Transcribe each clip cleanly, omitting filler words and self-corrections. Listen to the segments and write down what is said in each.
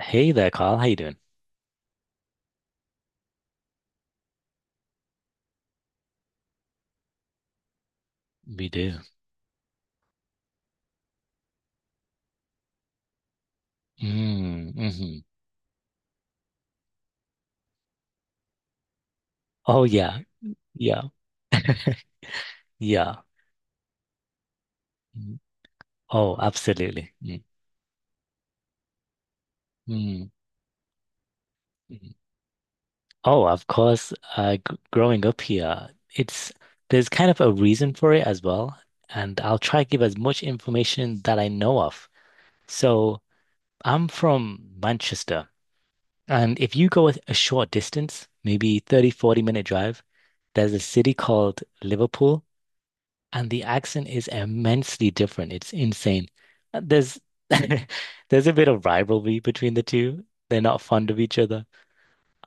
Hey there, Carl. How you doing? We do. Mm, hmm Oh yeah, yeah, yeah. Mm. Oh, absolutely. Mm, mm. Oh, of course. G Growing up here, it's there's kind of a reason for it as well, and I'll try to give as much information that I know of. So I'm from Manchester, and if you go a short distance, maybe 30-40 minute drive, there's a city called Liverpool. And the accent is immensely different. It's insane. There's there's a bit of rivalry between the two. They're not fond of each other.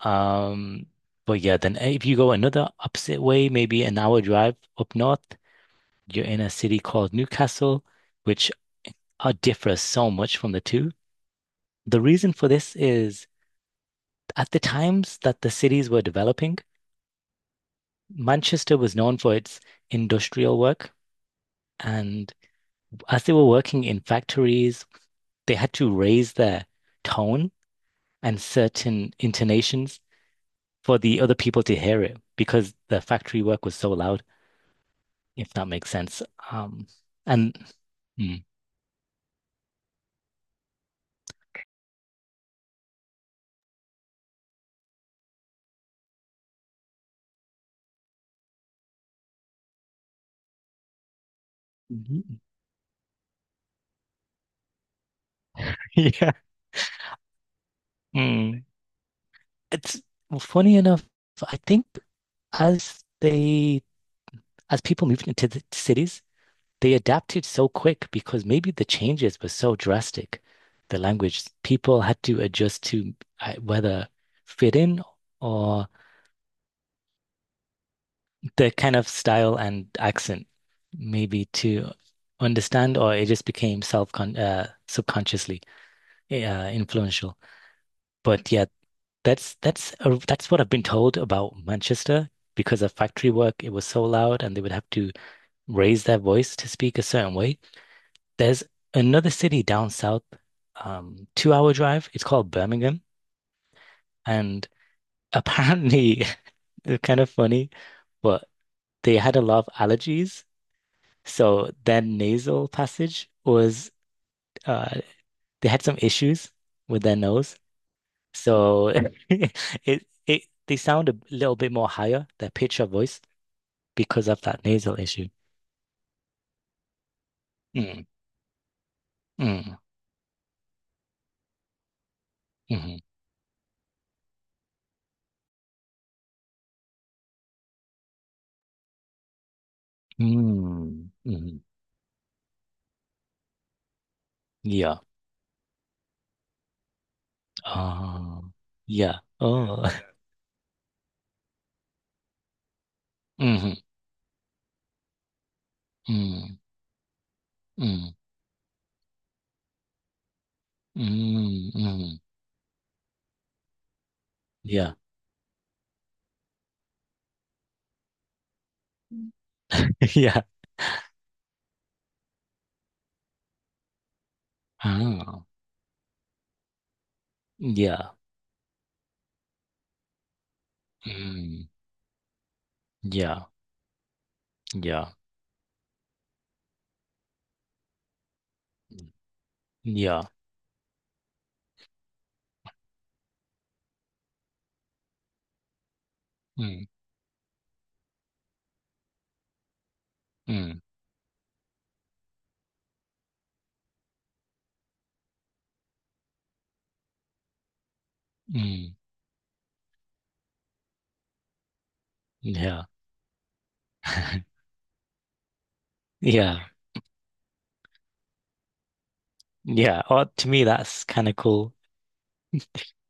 Um, but yeah, then if you go another opposite way, maybe an hour drive up north, you're in a city called Newcastle, which differs so much from the two. The reason for this is at the times that the cities were developing, Manchester was known for its industrial work. And as they were working in factories, they had to raise their tone and certain intonations for the other people to hear it because the factory work was so loud, if that makes sense. Um, and mm. yeah. Mm. It's funny enough. I think as they as people moved into the cities, they adapted so quick because maybe the changes were so drastic. The language people had to adjust to, whether fit in or the kind of style and accent, maybe to understand, or it just became self-con subconsciously influential. But yeah, that's what I've been told about Manchester because of factory work. It was so loud, and they would have to raise their voice to speak a certain way. There's another city down south, two-hour drive. It's called Birmingham, and apparently, they're kind of funny, but they had a lot of allergies. So their nasal passage was uh they had some issues with their nose. So it they sound a little bit more higher, their pitch of voice, because of that nasal issue. Mm, mm, mm, mm. Yeah. Oh, yeah. Oh. hmm mm, mm, mm, mm. Yeah. Yeah. Oh. Yeah. Mm. Yeah. Yeah. Yeah. Mm. Mm. Mm, yeah. Yeah. Yeah. Oh, to me, that's kind of cool.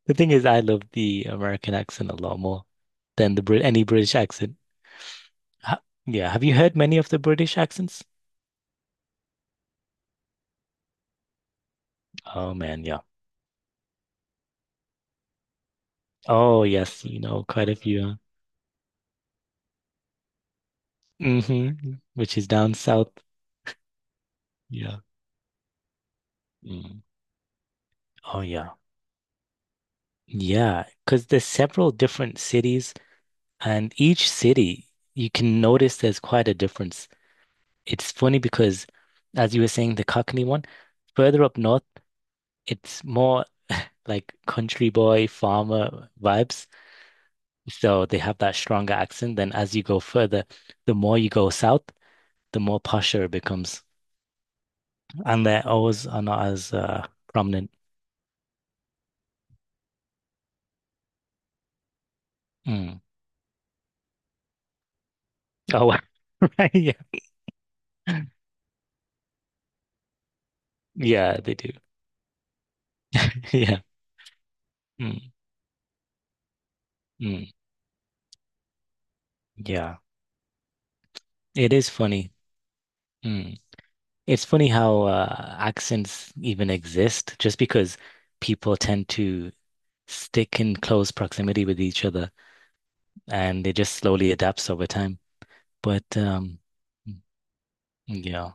The thing is, I love the American accent a lot more than the Brit any British accent. Ha yeah. Have you heard many of the British accents? Oh, man. Yeah. Oh, yes. You know, quite a few. Hmm. Which is down south. Yeah. Mm. Oh, yeah. Yeah. Because there's several different cities, and each city, you can notice there's quite a difference. It's funny because, as you were saying, the Cockney one, further up north, it's more like country boy, farmer vibes. So they have that stronger accent. Then as you go further, the more you go south, the more posher it becomes. And their O's are not as prominent. Mm. Oh, right. Yeah. Yeah, they do. Yeah. Mm, mm, yeah. It is funny. Mm. It's funny how accents even exist just because people tend to stick in close proximity with each other, and it just slowly adapts over time. But yeah,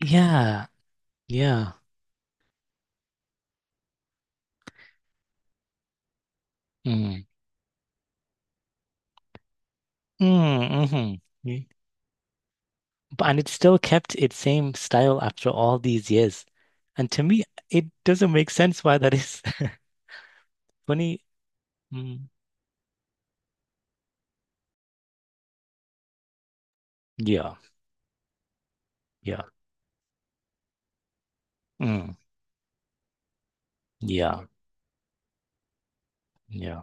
yeah, yeah. Mm. Mm, hmm And it still kept its same style after all these years. And to me, it doesn't make sense why that is funny. Mm. Yeah, yeah, mm. Yeah, yeah.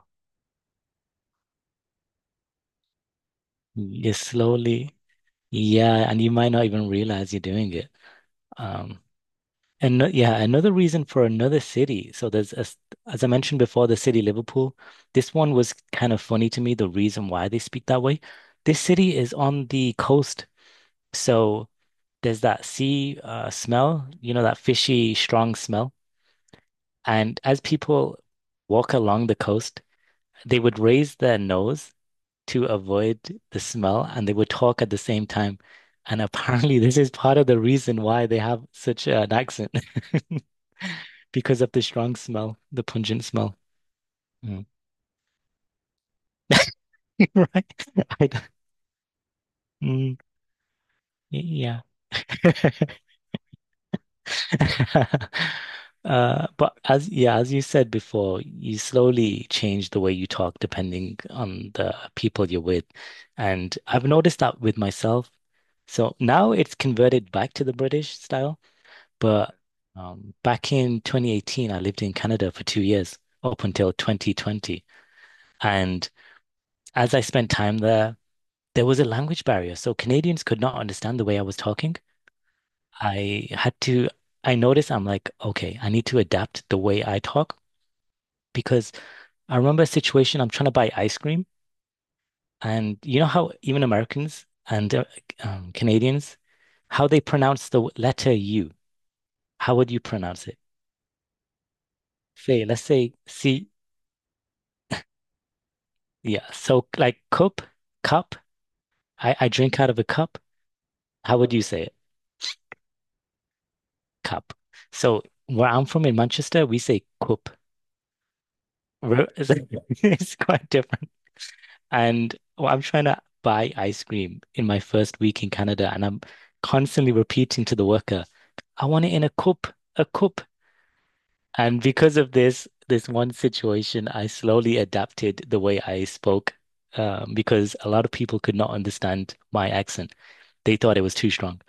You slowly, yeah, and you might not even realize you're doing it. Um, And yeah, another reason for another city. So there's, as I mentioned before, the city Liverpool. This one was kind of funny to me, the reason why they speak that way. This city is on the coast, so there's that sea smell, that fishy, strong smell. And as people walk along the coast, they would raise their nose to avoid the smell, and they would talk at the same time. And apparently, this is part of the reason why they have such an accent because of the strong smell, the pungent smell. Mm. Right? I d- mm, yeah. But as yeah, as you said before, you slowly change the way you talk depending on the people you're with. And I've noticed that with myself. So now it's converted back to the British style. But back in 2018, I lived in Canada for 2 years up until 2020. And as I spent time there, there was a language barrier. So Canadians could not understand the way I was talking. I had to, I noticed I'm like, okay, I need to adapt the way I talk because I remember a situation I'm trying to buy ice cream. And you know how even Americans and Canadians, how they pronounce the letter U, how would you pronounce it? Say, let's say C, yeah. So like cup. I drink out of a cup. How would you say it? Cup. So where I'm from in Manchester, we say cup. Where- It's like- it's quite different. And well, I'm trying to buy ice cream in my first week in Canada, and I'm constantly repeating to the worker, I want it in a a cup. And because of this one situation, I slowly adapted the way I spoke, because a lot of people could not understand my accent. They thought it was too strong.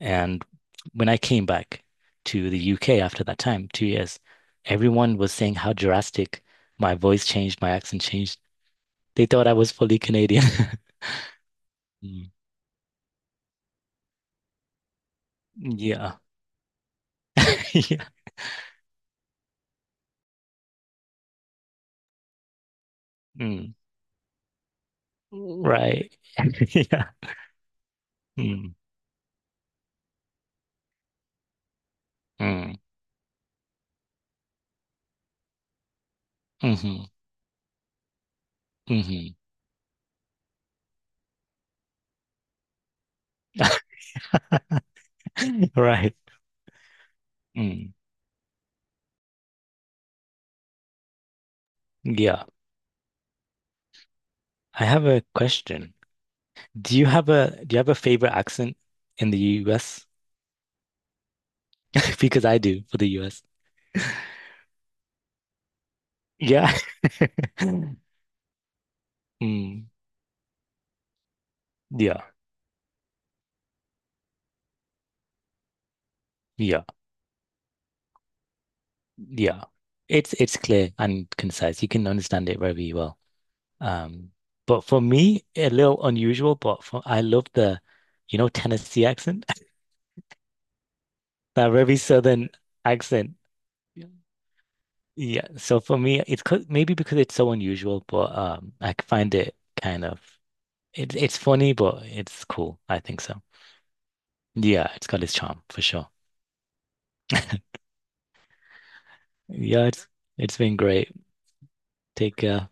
And when I came back to the UK after that time, 2 years, everyone was saying how drastic my voice changed, my accent changed. They thought I was fully Canadian. Mm. Yeah. Yeah. Mm. Right. Yeah. Mm. Mm. Mm-hmm. Mm-hmm. Right. Mm. Yeah. I have a question. Do you have a favorite accent in the US? Because I do for the US. Yeah. Mm. Yeah. Yeah, yeah. It's clear and concise. You can understand it very well. Um, but for me, a little unusual, but for I love the, you know, Tennessee accent, that very southern accent. Yeah. Yeah. So for me, it's 'cause- maybe because it's so unusual, but I find it kind of it's funny, but it's cool. I think so. Yeah, it's got its charm for sure. Yeah, it's been great. Take care.